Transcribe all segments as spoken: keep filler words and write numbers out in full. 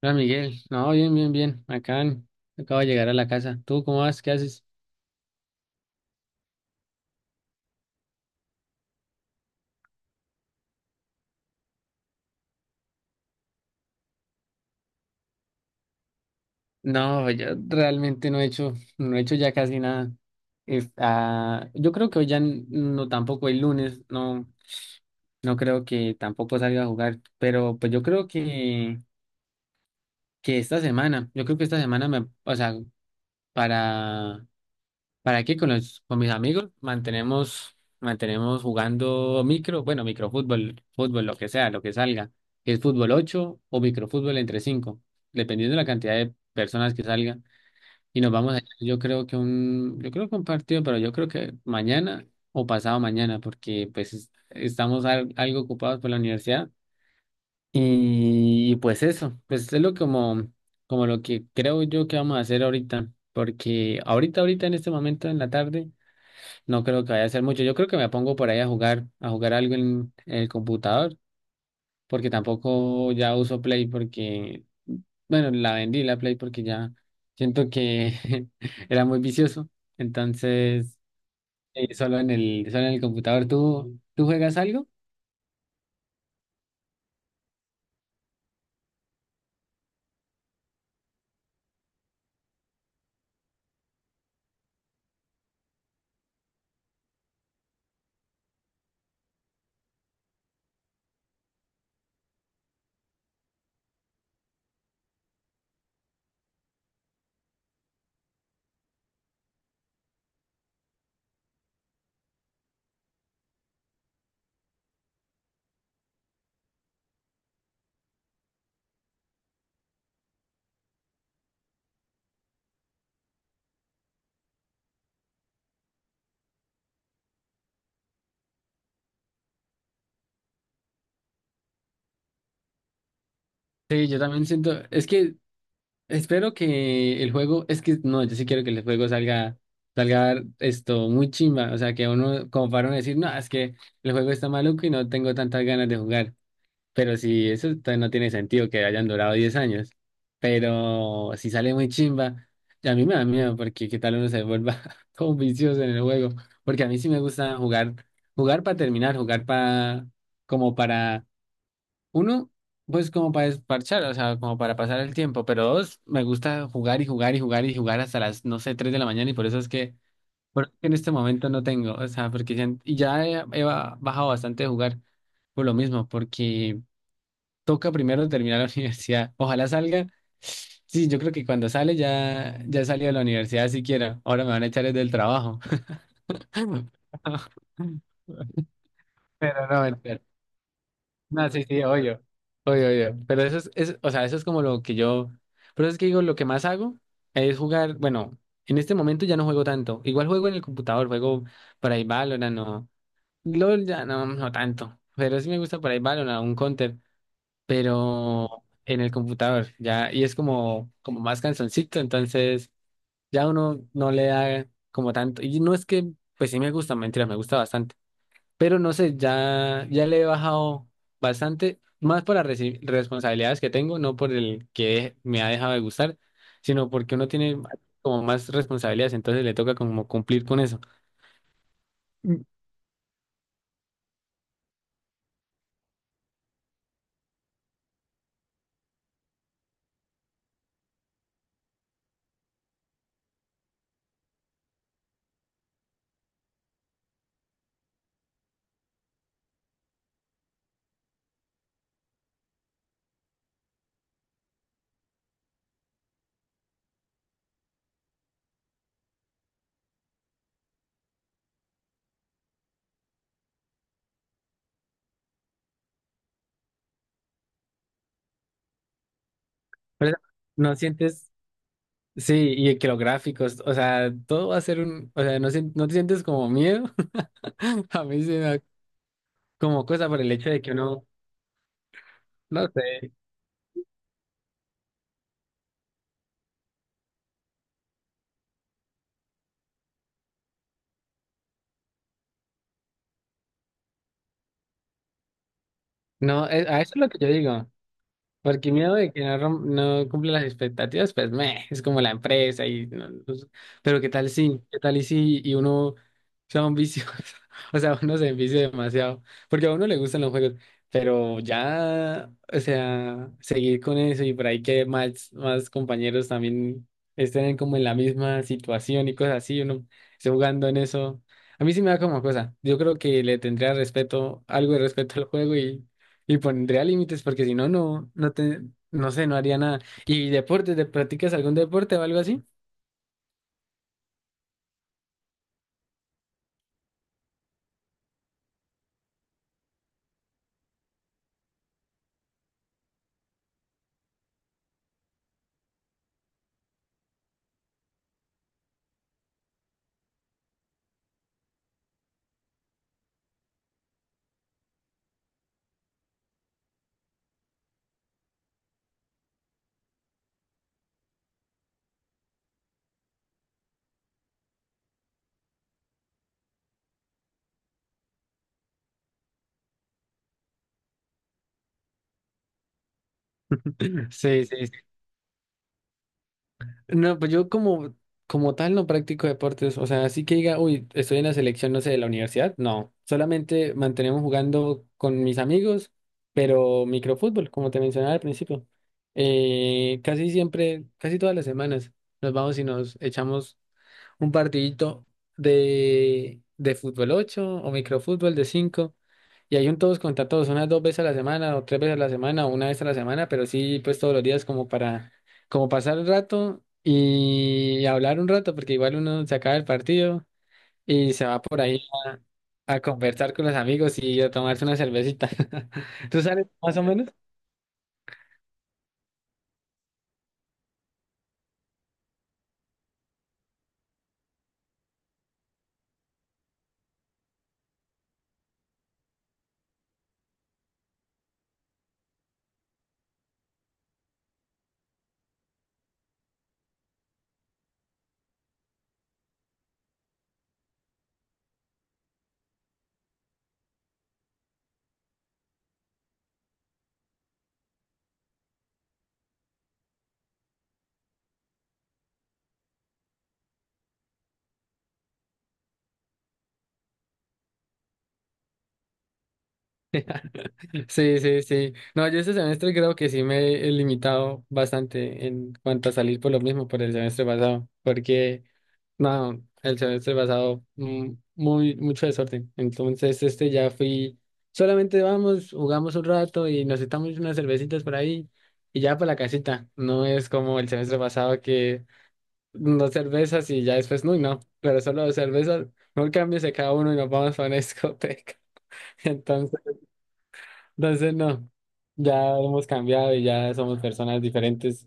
Hola Miguel, no, bien, bien, bien, acá en- acabo de llegar a la casa. ¿Tú cómo vas? ¿Qué haces? No, yo realmente no he hecho, no he hecho ya casi nada. Es- ah, yo creo que hoy ya n- no tampoco el lunes, no, no creo que tampoco salga a jugar, pero pues yo creo que, que esta semana, yo creo que esta semana me, o sea, para ¿Para qué? Con los, con mis amigos mantenemos, mantenemos jugando micro, bueno, microfútbol, fútbol, lo que sea, lo que salga. Es fútbol ocho o microfútbol entre cinco dependiendo de la cantidad de personas que salga. Y nos vamos a, yo creo que un, yo creo que un partido, pero yo creo que mañana o pasado mañana, porque pues es- estamos al- algo ocupados por la universidad. Y, pues eso, pues es lo como, como lo que creo yo que vamos a hacer ahorita, porque ahorita, ahorita en este momento en la tarde. No creo que vaya a ser mucho. Yo creo que me pongo por ahí a jugar, a jugar algo en, en el computador, porque tampoco ya uso Play porque, bueno, la vendí la Play porque ya siento que era muy vicioso. Entonces, eh, solo en el, solo en el computador. ¿Tú, tú juegas algo? Sí, yo también siento, es que espero que el juego, es que no, yo sí quiero que el juego salga, salga esto muy chimba. O sea, que uno, como para uno decir, no, es que el juego está maluco y no tengo tantas ganas de jugar. Pero si eso t- no tiene sentido que hayan durado diez años. Pero si sale muy chimba, y a mí me da miedo porque qué tal uno se vuelva todo vicioso en el juego. Porque a mí sí me gusta jugar, jugar para terminar, jugar para, como para, uno, pues como para desparchar, o sea, como para pasar el tiempo. Pero dos, me gusta jugar y jugar y jugar y jugar hasta las, no sé, tres de la mañana y por eso es que, por eso es que en este momento no tengo, o sea, porque ya, y ya he, he bajado bastante de jugar por lo mismo, porque toca primero terminar la universidad. Ojalá salga. Sí, yo creo que cuando sale ya, ya he salido de la universidad siquiera. Ahora me van a echar desde el trabajo. Pero no, mentira. No, sí, sí, obvio. Obvio, obvio. Pero eso es, es- o sea, eso es como lo que yo. Pero es que digo, lo que más hago es jugar. Bueno, en este momento ya no juego tanto. Igual juego en el computador, juego por ahí Valorant o. LOL ya no, no tanto. Pero sí me gusta por ahí Valorant, un Counter. Pero en el computador, ya, y es como, como más cansoncito, entonces ya uno no le da como tanto, y no es que, pues sí me gusta, mentira, me gusta bastante, pero no sé, ya, ya le he bajado bastante, más por las reci- responsabilidades que tengo, no por el que me ha dejado de gustar, sino porque uno tiene como más responsabilidades, entonces le toca como cumplir con eso. Mm. Pero no sientes, sí, y que los gráficos, o sea, todo va a ser un, o sea, no, sien- no te sientes como miedo. A mí sí me da como cosa por el hecho de que uno, no sé, no, eh, a eso es lo que yo digo. Porque miedo de que no, rom- no cumpla las expectativas, pues meh, es como la empresa y no- no sé. Pero qué tal si, qué tal y si y uno sea un vicioso, o sea, uno se envicia demasiado, porque a uno le gustan los juegos, pero ya, o sea, seguir con eso y por ahí que más, más compañeros también estén como en la misma situación y cosas así, uno esté jugando en eso. A mí sí me da como cosa. Yo creo que le tendría respeto, algo de respeto al juego y pondría límites porque si no, no, no te, no sé, no haría nada. ¿Y deportes? ¿Te practicas algún deporte o algo así? Sí, sí. Sí. No, pues yo como, como tal no practico deportes. O sea, así que diga, uy, estoy en la selección, no sé, de la universidad. No, solamente mantenemos jugando con mis amigos, pero microfútbol, como te mencionaba al principio. Eh, casi siempre, casi todas las semanas nos vamos y nos echamos un partidito de, de fútbol ocho o microfútbol de cinco. Y hay un todos contra todos, unas dos veces a la semana, o tres veces a la semana, o una vez a la semana, pero sí, pues todos los días como para, como pasar el rato y hablar un rato, porque igual uno se acaba el partido y se va por ahí a, a conversar con los amigos y a tomarse una cervecita. ¿Tú sabes más o menos? Sí, sí, sí. No, yo este semestre creo que sí me he limitado bastante en cuanto a salir por lo mismo por el semestre pasado, porque no, el semestre pasado mm, muy mucho desorden. Entonces este ya fui, solamente vamos, jugamos un rato y nos estamos unas cervecitas por ahí y ya para la casita. No es como el semestre pasado que dos cervezas y ya después, no, no, pero solo dos cervezas, no cambies de cada uno y nos vamos a una discoteca. entonces entonces, no, ya hemos cambiado y ya somos personas diferentes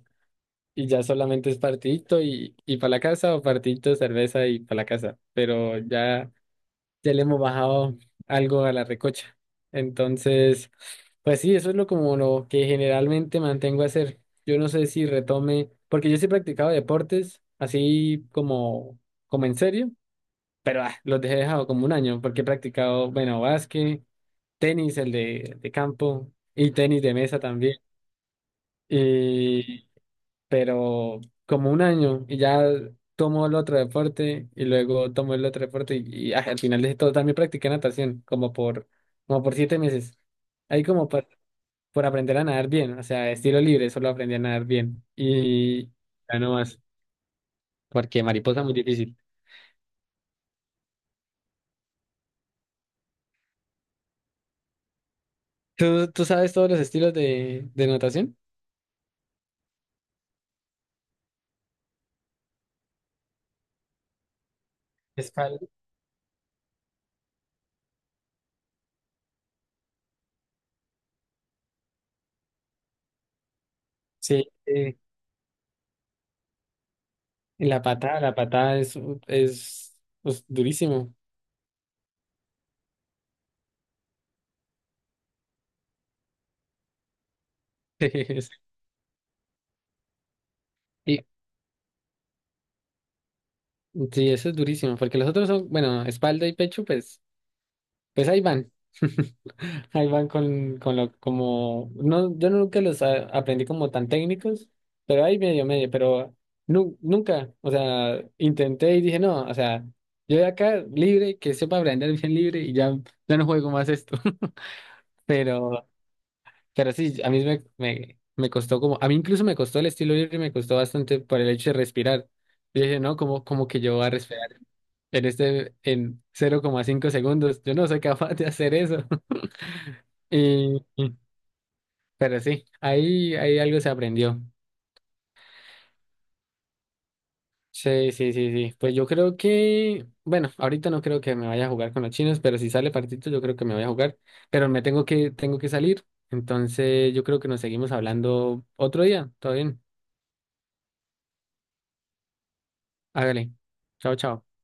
y ya solamente es partidito y, y para la casa o partidito, cerveza y para la casa, pero ya, ya, le hemos bajado algo a la recocha. Entonces, pues sí, eso es lo como lo que generalmente mantengo a hacer. Yo no sé si retome, porque yo sí he practicado deportes así como, como en serio, pero ah, los dejé dejado como un año porque he practicado, bueno, básquet tenis, el de, de campo y tenis de mesa también. Y, pero como un año y ya tomo el otro deporte y luego tomo el otro deporte y, y, ah, al final de todo también practiqué natación como por, como por siete meses. Ahí como por, por aprender a nadar bien, o sea, estilo libre, solo aprendí a nadar bien y ya no más, porque mariposa muy difícil. ¿Tú, tú sabes todos los estilos de, de natación? Espalda. Sí, y La patada, la patada, es, es pues, durísimo. Es- Y, sí, eso es durísimo, porque los otros son, bueno, espalda y pecho, pues, pues ahí van. Ahí van con, con lo, como, no, yo nunca los a- aprendí como tan técnicos, pero ahí medio, medio, pero nu- nunca, o sea, intenté y dije, no, o sea, yo de acá libre, que sepa aprender bien libre y ya, ya no juego más esto, pero Pero sí, a mí me, me, me costó como, a mí incluso me costó el estilo libre, me costó bastante por el hecho de respirar. Yo dije, no, como, como que yo voy a respirar en este, en cero coma cinco segundos. Yo no soy capaz de hacer eso. Y, y- pero sí, ahí, ahí algo se aprendió. Sí, sí, sí, sí. Pues yo creo que, bueno, ahorita no creo que me vaya a jugar con los chinos, pero si sale partito, yo creo que me voy a jugar. Pero me tengo que, tengo que salir. Entonces, yo creo que nos seguimos hablando otro día. ¿Todo bien? Hágale. Chao, chao.